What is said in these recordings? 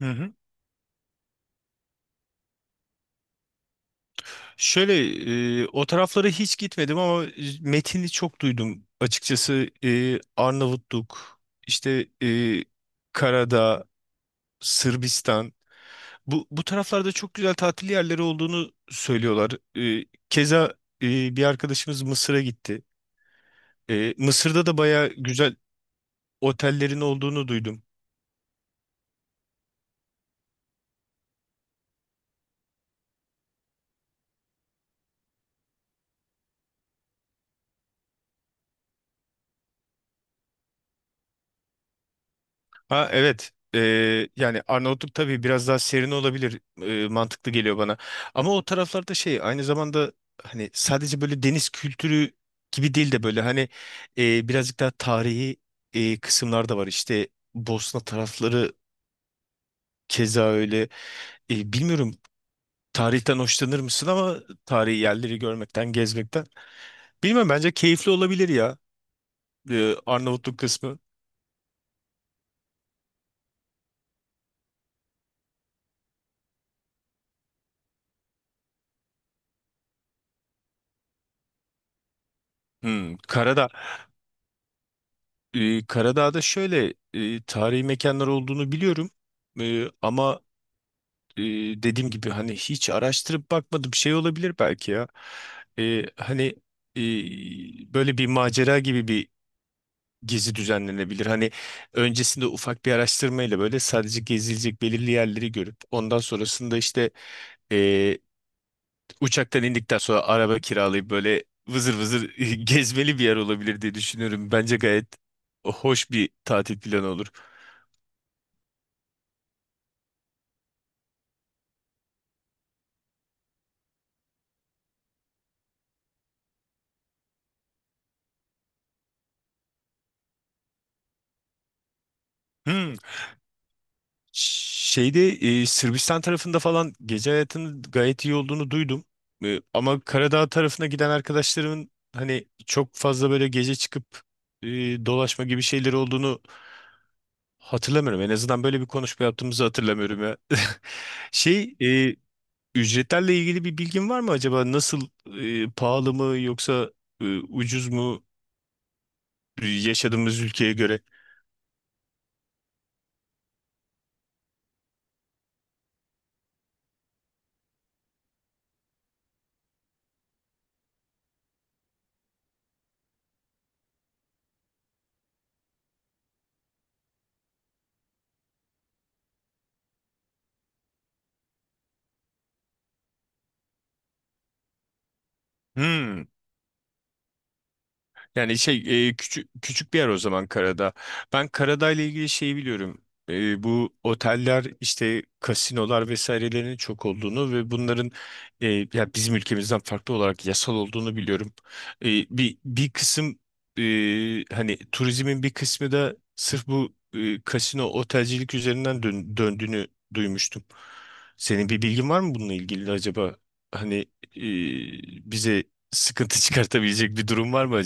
Hı hı. Şöyle o taraflara hiç gitmedim ama metini çok duydum. Açıkçası Arnavutluk, işte e, Karadağ, Sırbistan. Bu taraflarda çok güzel tatil yerleri olduğunu söylüyorlar. Keza bir arkadaşımız Mısır'a gitti. Mısır'da da baya güzel otellerin olduğunu duydum. Ha, evet. Yani Arnavutluk tabii biraz daha serin olabilir. Mantıklı geliyor bana. Ama o taraflarda şey aynı zamanda hani sadece böyle deniz kültürü gibi değil de böyle hani birazcık daha tarihi kısımlar da var. İşte Bosna tarafları keza öyle. Bilmiyorum, tarihten hoşlanır mısın ama tarihi yerleri görmekten, gezmekten. Bilmem, bence keyifli olabilir ya Arnavutluk kısmı. Hmm, Karadağ. Karadağ'da şöyle tarihi mekanlar olduğunu biliyorum. E, ama e, dediğim gibi hani hiç araştırıp bakmadım, şey olabilir belki ya. E, hani e, böyle bir macera gibi bir gezi düzenlenebilir. Hani öncesinde ufak bir araştırmayla böyle sadece gezilecek belirli yerleri görüp ondan sonrasında e, uçaktan indikten sonra araba kiralayıp böyle vızır vızır gezmeli bir yer olabilir diye düşünüyorum. Bence gayet hoş bir tatil planı olur. Hmm. Şeyde Sırbistan tarafında falan gece hayatının gayet iyi olduğunu duydum. Ama Karadağ tarafına giden arkadaşlarımın hani çok fazla böyle gece çıkıp e, dolaşma gibi şeyleri olduğunu hatırlamıyorum. En azından böyle bir konuşma yaptığımızı hatırlamıyorum ya. Şey, e, Ücretlerle ilgili bir bilgin var mı acaba? Nasıl, pahalı mı yoksa ucuz mu yaşadığımız ülkeye göre? Hmm. Yani küçük küçük bir yer o zaman Karadağ. Ben Karadağ ile ilgili şeyi biliyorum. Bu oteller, işte kasinolar vesairelerinin çok olduğunu ve bunların e, ya bizim ülkemizden farklı olarak yasal olduğunu biliyorum. Bir kısım, e, hani turizmin bir kısmı da sırf bu kasino otelcilik üzerinden döndüğünü duymuştum. Senin bir bilgin var mı bununla ilgili acaba? Hani e, bize sıkıntı çıkartabilecek bir durum var mı?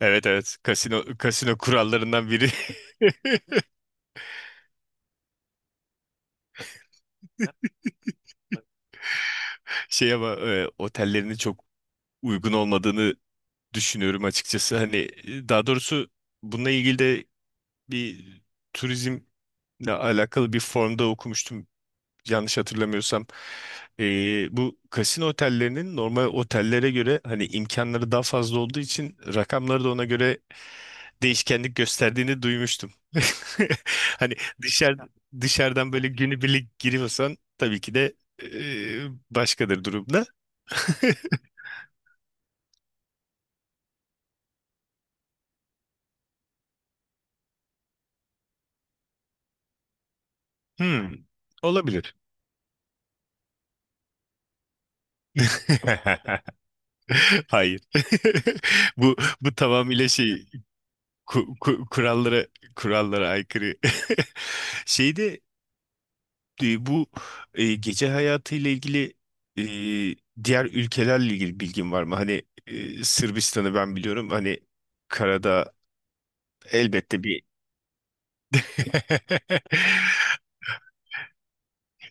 Evet, evet. Kasino, kasino kurallarından biri. Şey ama otellerinin çok uygun olmadığını düşünüyorum açıkçası. Hani, daha doğrusu bununla ilgili de bir turizmle alakalı bir formda okumuştum, yanlış hatırlamıyorsam. Bu kasino otellerinin normal otellere göre hani imkanları daha fazla olduğu için rakamları da ona göre değişkenlik gösterdiğini duymuştum. Hani dışarı dışarıdan böyle günübirlik giriyorsan tabii ki de e, başkadır durumda. Hmm, olabilir. Hayır. Bu tamamıyla şey ku- ku- kurallara kurallara aykırı. Şeyde Bu gece hayatıyla ilgili, e, diğer ülkelerle ilgili bilgin var mı? Hani Sırbistan'ı ben biliyorum. Hani karada elbette bir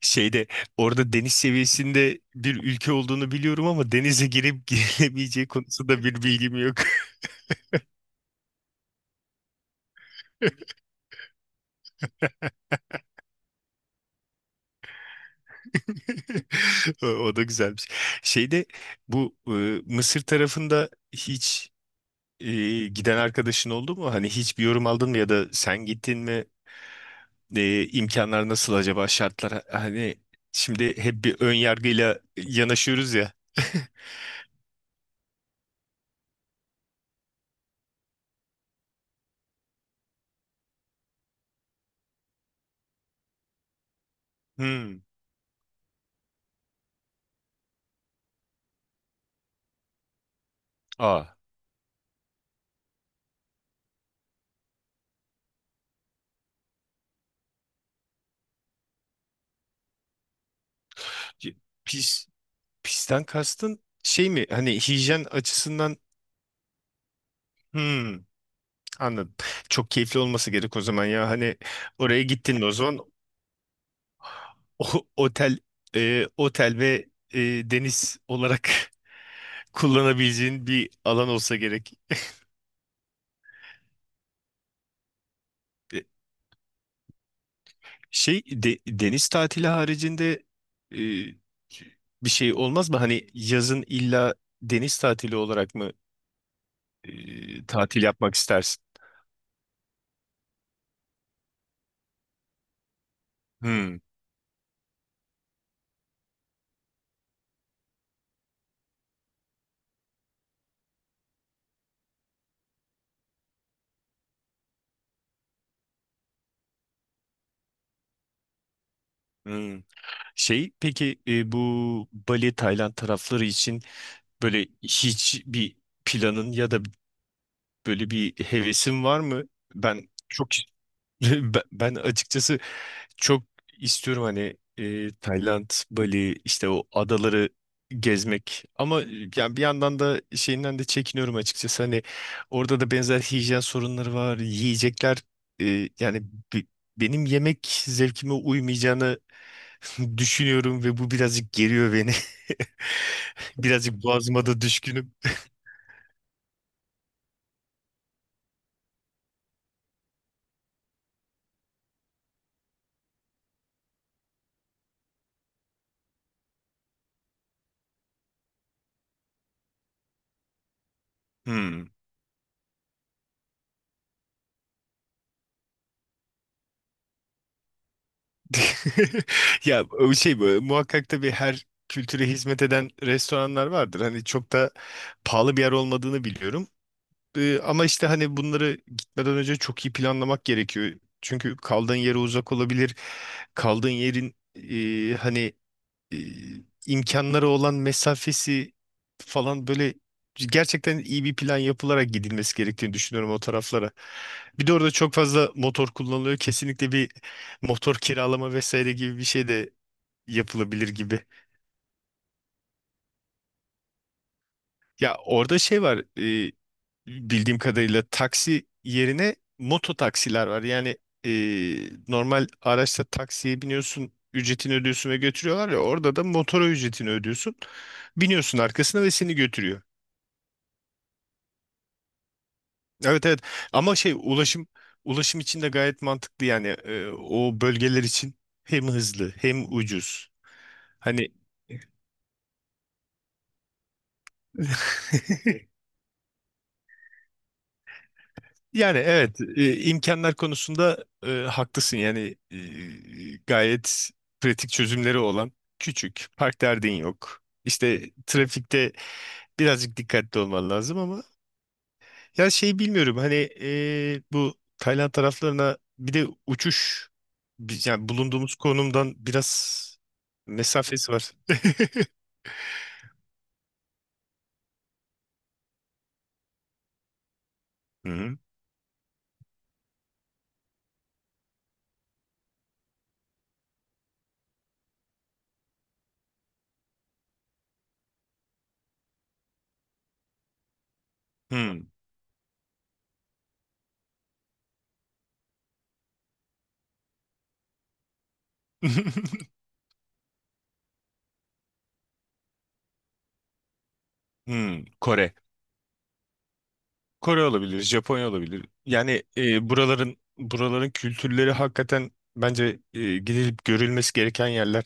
şeyde orada deniz seviyesinde bir ülke olduğunu biliyorum ama denize girip giremeyeceği konusunda bir bilgim yok. O, o da güzelmiş. Şeyde bu, Mısır tarafında hiç e, giden arkadaşın oldu mu? Hani hiç bir yorum aldın mı ya da sen gittin mi? İmkanlar nasıl acaba, şartlar? Hani şimdi hep bir ön yargıyla yanaşıyoruz ya. Hmm. Aa. c- Pis, pisten kastın şey mi? Hani hijyen açısından. Hmm, anladım. Çok keyifli olması gerek o zaman ya. Hani oraya gittin mi o zaman? Otel, otel ve e, deniz olarak kullanabileceğin bir alan olsa gerek. E, Şey, deniz tatili haricinde e, bir şey olmaz mı? Hani yazın illa deniz tatili olarak mı tatil yapmak istersin? Hmm, hmm. Şey peki, bu Bali, Tayland tarafları için böyle hiç bir planın ya da böyle bir hevesin var mı? Ben çok ben açıkçası çok istiyorum hani, Tayland, Bali, işte o adaları gezmek, ama yani bir yandan da şeyinden de çekiniyorum açıkçası. Hani orada da benzer hijyen sorunları var. Yiyecekler, e, yani bi- benim yemek zevkime uymayacağını düşünüyorum ve bu birazcık geriyor beni. Birazcık boğazıma da düşkünüm. Hmm. Ya o şey bu, muhakkak tabii her kültüre hizmet eden restoranlar vardır. Hani çok da pahalı bir yer olmadığını biliyorum. Ama işte hani bunları gitmeden önce çok iyi planlamak gerekiyor. Çünkü kaldığın yere uzak olabilir. Kaldığın yerin, e, imkanları olan mesafesi falan, böyle gerçekten iyi bir plan yapılarak gidilmesi gerektiğini düşünüyorum o taraflara. Bir de orada çok fazla motor kullanılıyor. Kesinlikle bir motor kiralama vesaire gibi bir şey de yapılabilir gibi. Ya orada şey var, e, bildiğim kadarıyla taksi yerine moto taksiler var. Yani e, normal araçta taksiye biniyorsun, ücretini ödüyorsun ve götürüyorlar ya, orada da motora ücretini ödüyorsun. Biniyorsun arkasına ve seni götürüyor. Evet, evet, ama şey, ulaşım için de gayet mantıklı, yani o bölgeler için hem hızlı hem ucuz. Hani yani evet, imkanlar konusunda, haklısın yani, gayet pratik çözümleri olan, küçük park derdin yok. İşte trafikte birazcık dikkatli olman lazım ama, ya şey bilmiyorum hani, bu Tayland taraflarına bir de uçuş yani bulunduğumuz konumdan biraz mesafesi var. Hı hı. Hı. Hı. Kore. Kore olabilir, Japonya olabilir. Yani buraların, buraların kültürleri hakikaten bence, gidilip görülmesi gereken yerler.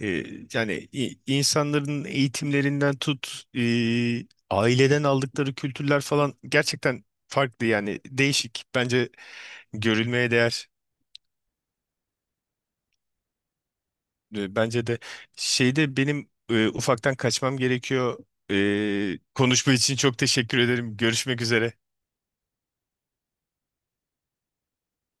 E, Yani insanların eğitimlerinden tut, aileden aldıkları kültürler falan gerçekten farklı, yani değişik. Bence görülmeye değer. Bence de şeyde benim ufaktan kaçmam gerekiyor. Konuşma için çok teşekkür ederim. Görüşmek üzere.